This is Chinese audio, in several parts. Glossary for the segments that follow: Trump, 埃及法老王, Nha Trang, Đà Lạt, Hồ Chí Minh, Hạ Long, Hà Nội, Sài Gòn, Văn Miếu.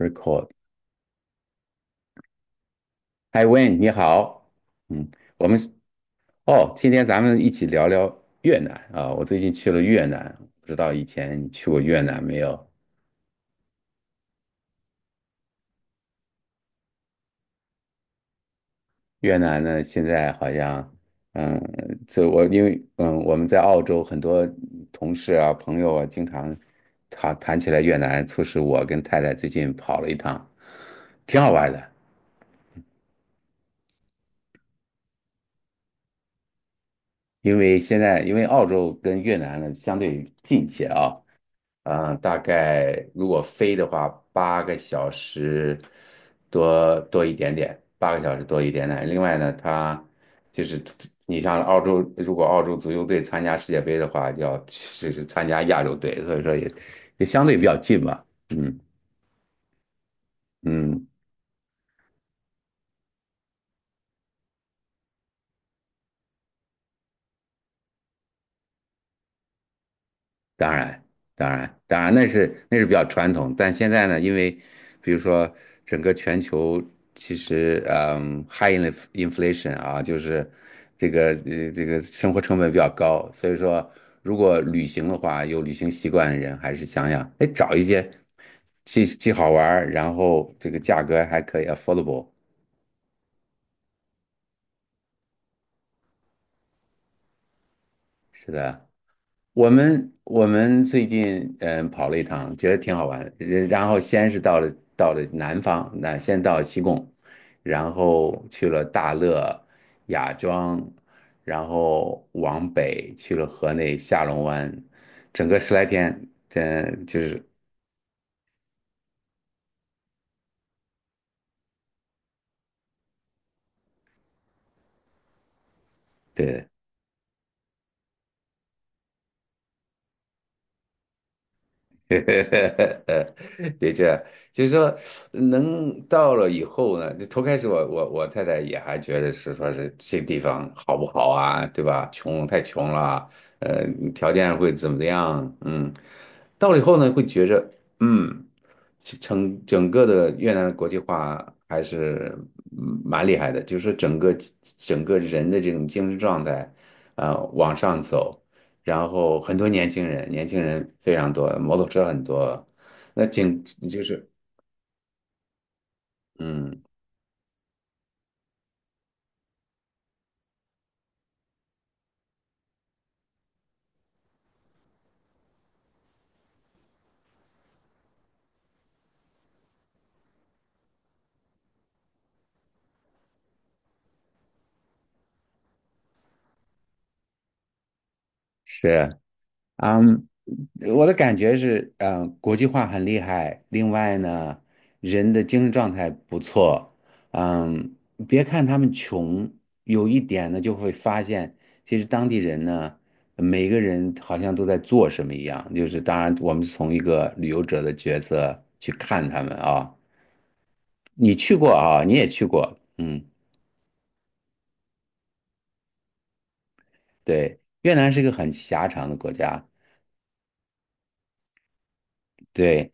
Record，h 嗨 w a y n 你好，嗯。我们哦，今天咱们一起聊聊越南啊。我最近去了越南，不知道以前你去过越南没有？越南呢，现在好像，嗯，这我因为我们在澳洲很多同事啊朋友啊，经常谈起来越南，促使我跟太太最近跑了一趟，挺好玩的。因为现在因为澳洲跟越南呢相对近一些啊。嗯，大概如果飞的话，八个小时多一点点，八个小时多一点点。另外呢，它就是你像澳洲，如果澳洲足球队参加世界杯的话，就要就是参加亚洲队，所以说也相对比较近吧。嗯嗯。当然，当然，当然，那是比较传统，但现在呢，因为比如说整个全球其实，high inflation 啊，就是这个生活成本比较高，所以说如果旅行的话，有旅行习惯的人还是想想，哎，找一些既好玩儿然后这个价格还可以 affordable。是的，我们最近跑了一趟，觉得挺好玩的。然后先是到了南方，那先到西贡，然后去了大乐、雅庄，然后往北去了河内下龙湾，整个十来天，真就是对，对，的确，就是说，能到了以后呢，就头开始我太太也还觉得是说是这地方好不好啊，对吧？穷太穷了，呃，条件会怎么样？嗯，到了以后呢，会觉着，嗯，整个的越南的国际化还是蛮厉害的，就是整个人的这种精神状态，啊、往上走。然后很多年轻人，年轻人非常多，摩托车很多，那景就是嗯是嗯，我的感觉是，国际化很厉害，另外呢，人的精神状态不错，嗯，别看他们穷，有一点呢就会发现，其实当地人呢。每个人好像都在做什么一样，就是当然，我们从一个旅游者的角色去看他们啊。你去过啊，你也去过，嗯。对，越南是一个很狭长的国家，对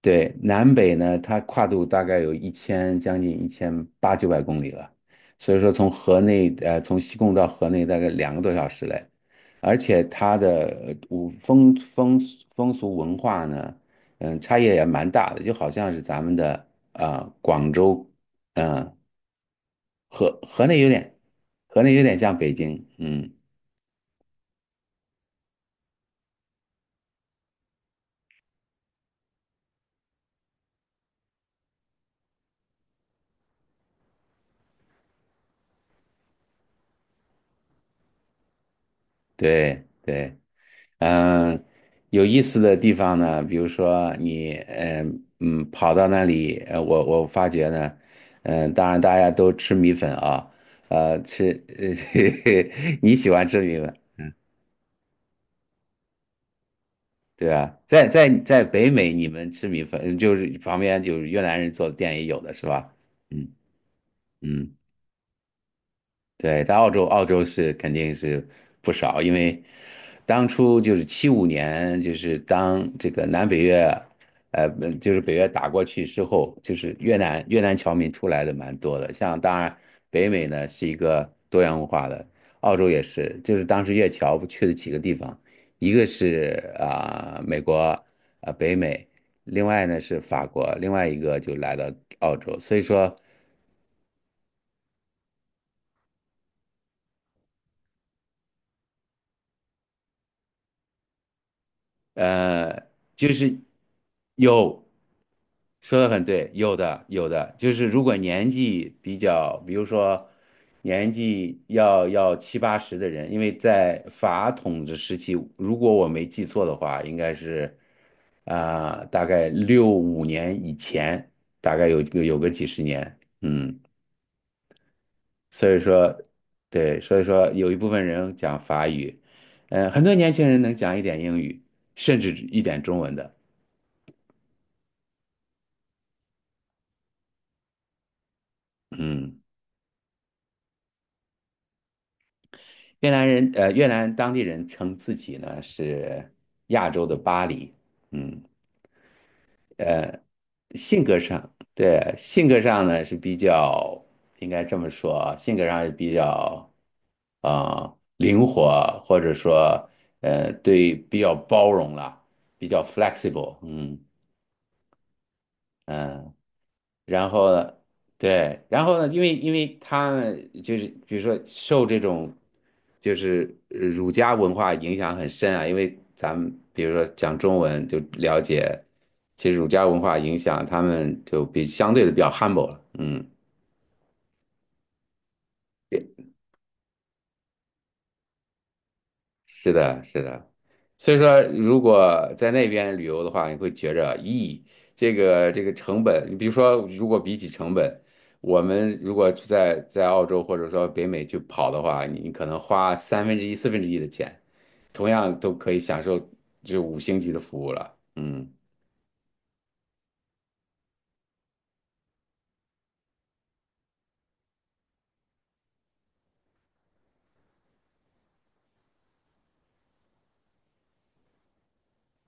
对，南北呢，它跨度大概有一千将近一千八九百公里了，所以说从西贡到河内大概2个多小时嘞，而且它的五风风风俗文化呢，差异也蛮大的，就好像是咱们的啊、广州，嗯、河河内有点，河内有点像北京，嗯，对对。嗯，有意思的地方呢，比如说你，跑到那里，我发觉呢，当然大家都吃米粉啊，吃，你喜欢吃米粉，对吧？在北美，你们吃米粉，就是旁边就是越南人做的店也有的是吧？嗯嗯。对，在澳洲，澳洲是肯定是不少，因为当初就是七五年，就是当这个南北越，不就是北越打过去之后，就是越南侨民出来的蛮多的。像当然北美呢是一个多元文化的，澳洲也是，就是当时越侨不去的几个地方，一个是啊、美国啊、北美，另外呢是法国，另外一个就来到澳洲，所以说。呃，就是有，说的很对，有的有的，就是如果年纪比较，比如说年纪要七八十的人，因为在法统治时期，如果我没记错的话，应该是啊、大概六五年以前，大概有个几十年，所以说对，所以说有一部分人讲法语，很多年轻人能讲一点英语，甚至一点中文的。嗯，越南当地人称自己呢是亚洲的巴黎。嗯，呃，性格上，对，性格上呢是比较，应该这么说啊性格上是比较，啊、灵活，或者说，对，比较包容了，比较 flexible。嗯嗯、呃然后呢，对，然后呢，因为他们就是比如说受这种就是儒家文化影响很深啊，因为咱们比如说讲中文就了解，其实儒家文化影响他们就比相对的比较 humble 了，嗯。是的，是的，所以说，如果在那边旅游的话，你会觉着，咦，这个成本，你比如说，如果比起成本，我们如果在澳洲或者说北美去跑的话，你可能花三分之一、四分之一的钱，同样都可以享受这五星级的服务了。嗯，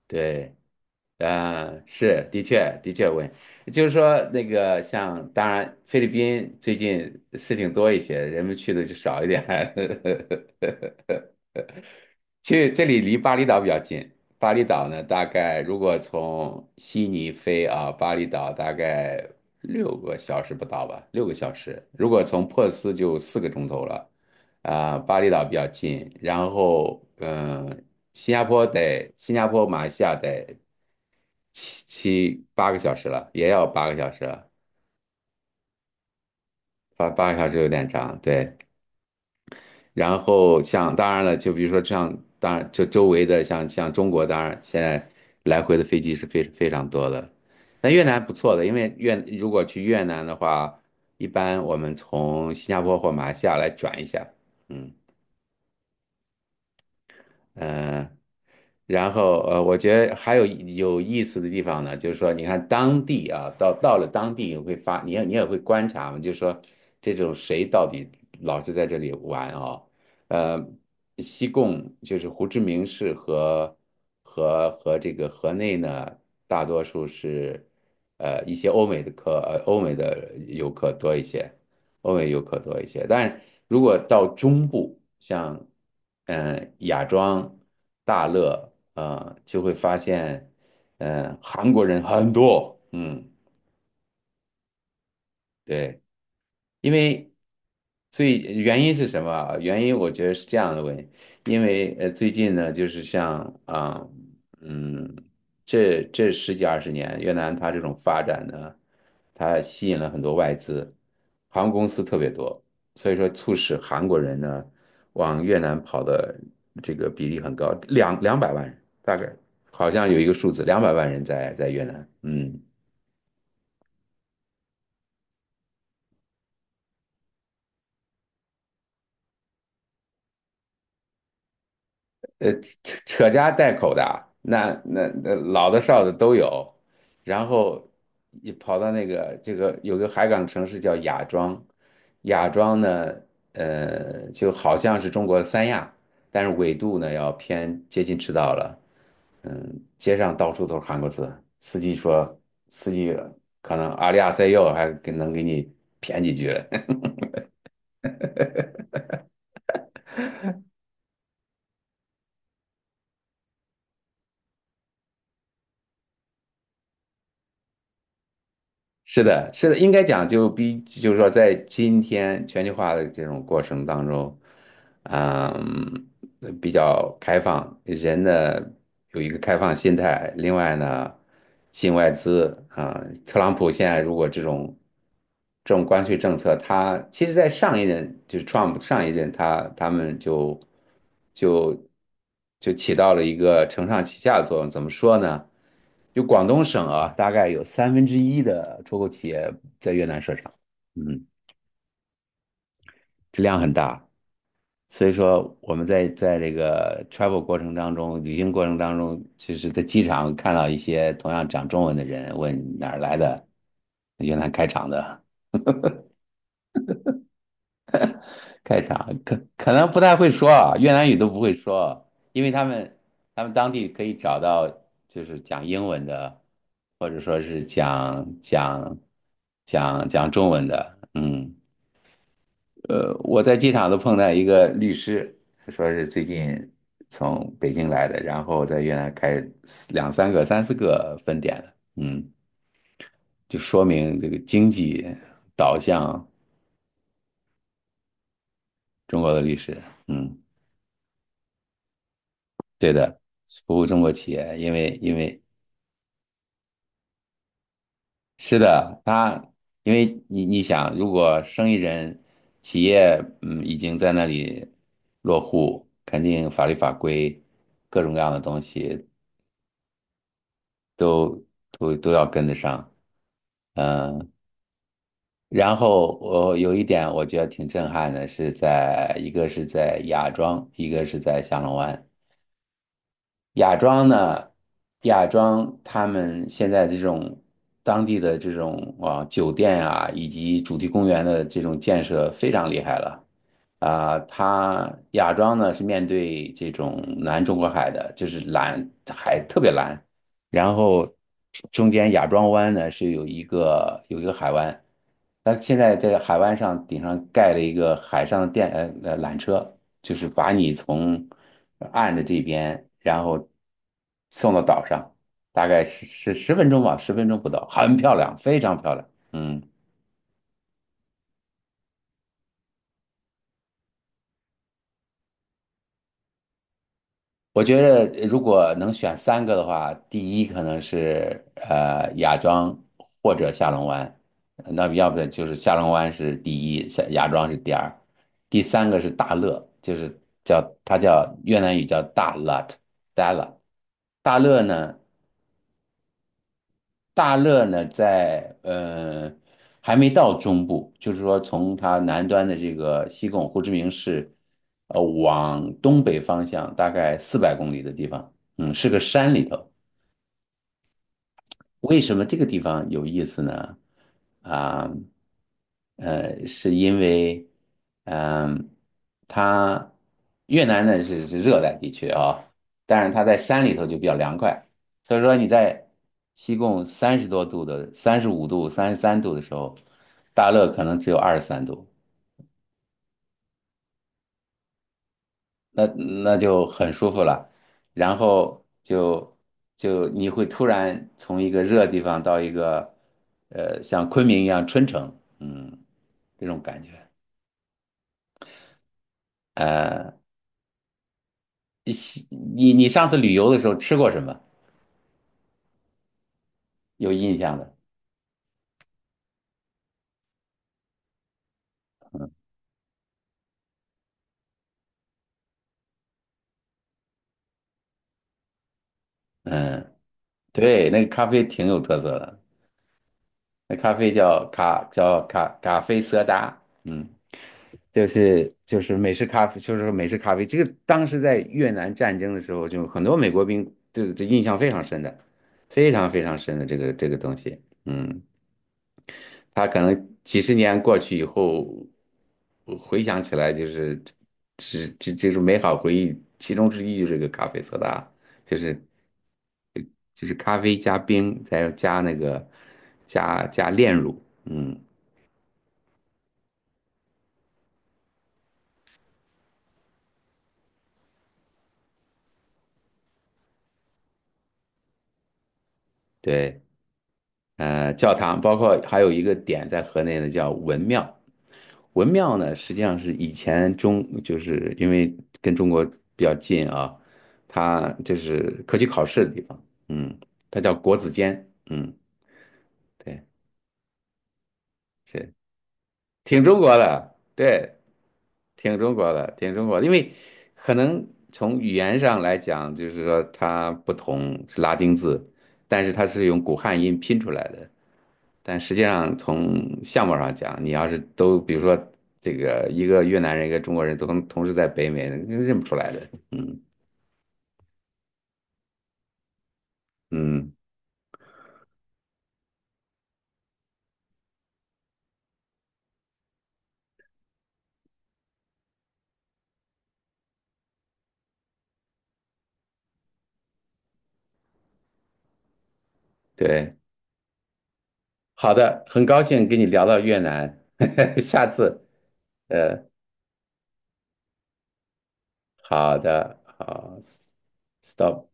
对。啊，是，的确，的确问，就是说那个像，当然菲律宾最近事情多一些，人们去的就少一点。去这里离巴厘岛比较近，巴厘岛呢，大概如果从悉尼飞啊，巴厘岛大概六个小时不到吧，六个小时。如果从珀斯就4个钟头了，啊、巴厘岛比较近，然后新加坡得，新加坡、马来西亚得。七八个小时了，也要八个小时了，八个小时有点长，对。然后像当然了，就比如说像当然就周围的像中国，当然现在来回的飞机是非常多的。那越南不错的，因为如果去越南的话，一般我们从新加坡或马来西亚来转一下，嗯。嗯，然后我觉得还有有意思的地方呢，就是说，你看当地啊，到了当地你也会观察嘛，就是说这种谁到底老是在这里玩啊？呃，西贡就是胡志明市和这个河内呢，大多数是一些欧美的客呃欧美的游客多一些，欧美游客多一些。但如果到中部，像嗯、雅庄、大乐，就会发现，韩国人很多，嗯，对。因为最原因是什么啊？原因我觉得是这样的问题，因为最近呢，就是像啊，嗯，这十几二十年，越南它这种发展呢，它吸引了很多外资，航空公司特别多，所以说促使韩国人呢往越南跑的这个比例很高，两百万人大概好像有一个数字，两百万人在越南，嗯。呃，扯家带口的，那老的少的都有，然后一跑到那个这个有个海港城市叫雅庄，雅庄呢，就好像是中国三亚，但是纬度呢要偏接近赤道了，嗯，街上到处都是韩国字，司机说司机可能阿里阿塞哟还给能给你谝几句了，是的，是的，应该讲就比，就是说，在今天全球化的这种过程当中，嗯，比较开放，人呢有一个开放心态。另外呢，引外资啊，特朗普现在如果这种关税政策，他其实在上一任就是 Trump 上一任他们就就起到了一个承上启下的作用。怎么说呢？就广东省啊，大概有三分之一的出口企业在越南设厂，嗯，质量很大。所以说我们在这个 travel 过程当中，旅行过程当中，其实在机场看到一些同样讲中文的人，问你哪儿来的，越南开厂的，开厂可能不太会说啊，越南语都不会说，因为他们当地可以找到就是讲英文的，或者说是讲中文的，嗯。我在机场都碰到一个律师，说是最近从北京来的，然后在越南开两三个、三四个分店了嗯，就说明这个经济导向。中国的律师，嗯，对的，服务中国企业，因为是的，他因为你想，如果生意人企业已经在那里落户，肯定法律法规各种各样的东西都要跟得上。嗯，然后我有一点我觉得挺震撼的，是在一个是在芽庄，一个是在下龙湾。亚庄呢，亚庄他们现在这种当地的这种啊酒店啊，以及主题公园的这种建设非常厉害了。啊、它亚庄呢是面对这种南中国海的，就是蓝海特别蓝，然后中间亚庄湾呢是有一个海湾，它现在这个海湾上顶上盖了一个海上的电缆车，就是把你从岸的这边，然后送到岛上，大概是十分钟吧，十分钟不到，很漂亮，非常漂亮。嗯，我觉得如果能选三个的话，第一可能是芽庄或者下龙湾，那要不然就是下龙湾是第一，下芽庄是第二，第三个是大乐，就是叫越南语叫大 lat，大 l a 大乐呢，大乐呢，在还没到中部，就是说从它南端的这个西贡胡志明市，往东北方向大概400公里的地方，嗯，是个山里头。为什么这个地方有意思呢？啊，是因为，嗯、它越南呢是热带地区啊，但是它在山里头就比较凉快，所以说你在西贡30多度的、35度、33度的时候，大乐可能只有23度，那那就很舒服了。然后就你会突然从一个热地方到一个像昆明一样春城，嗯，这种感觉。呃，你你上次旅游的时候吃过什么？有印象的？嗯，对，那个咖啡挺有特色的。那咖啡叫咖啡色达，嗯，就是美式咖啡，就是美式咖啡。这个当时在越南战争的时候，就很多美国兵这印象非常深的，非常非常深的这个东西，嗯，他可能几十年过去以后，回想起来就是这种美好回忆，其中之一就是这个咖啡色达，就是就是咖啡加冰，再加那个加炼乳，嗯，对。教堂，包括还有一个点在河内呢，叫文庙。文庙呢，实际上是以前中，就是因为跟中国比较近啊，它就是科举考试的地方，嗯，它叫国子监，嗯，对，这挺中国的，对，挺中国的，挺中国的，因为可能从语言上来讲，就是说它不同是拉丁字，但是它是用古汉音拼出来的。但实际上从相貌上讲，你要是都比如说这个一个越南人一个中国人都同时在北美，你认不出来的。嗯嗯，对，好的，很高兴跟你聊到越南，下次呃，好的，好，stop。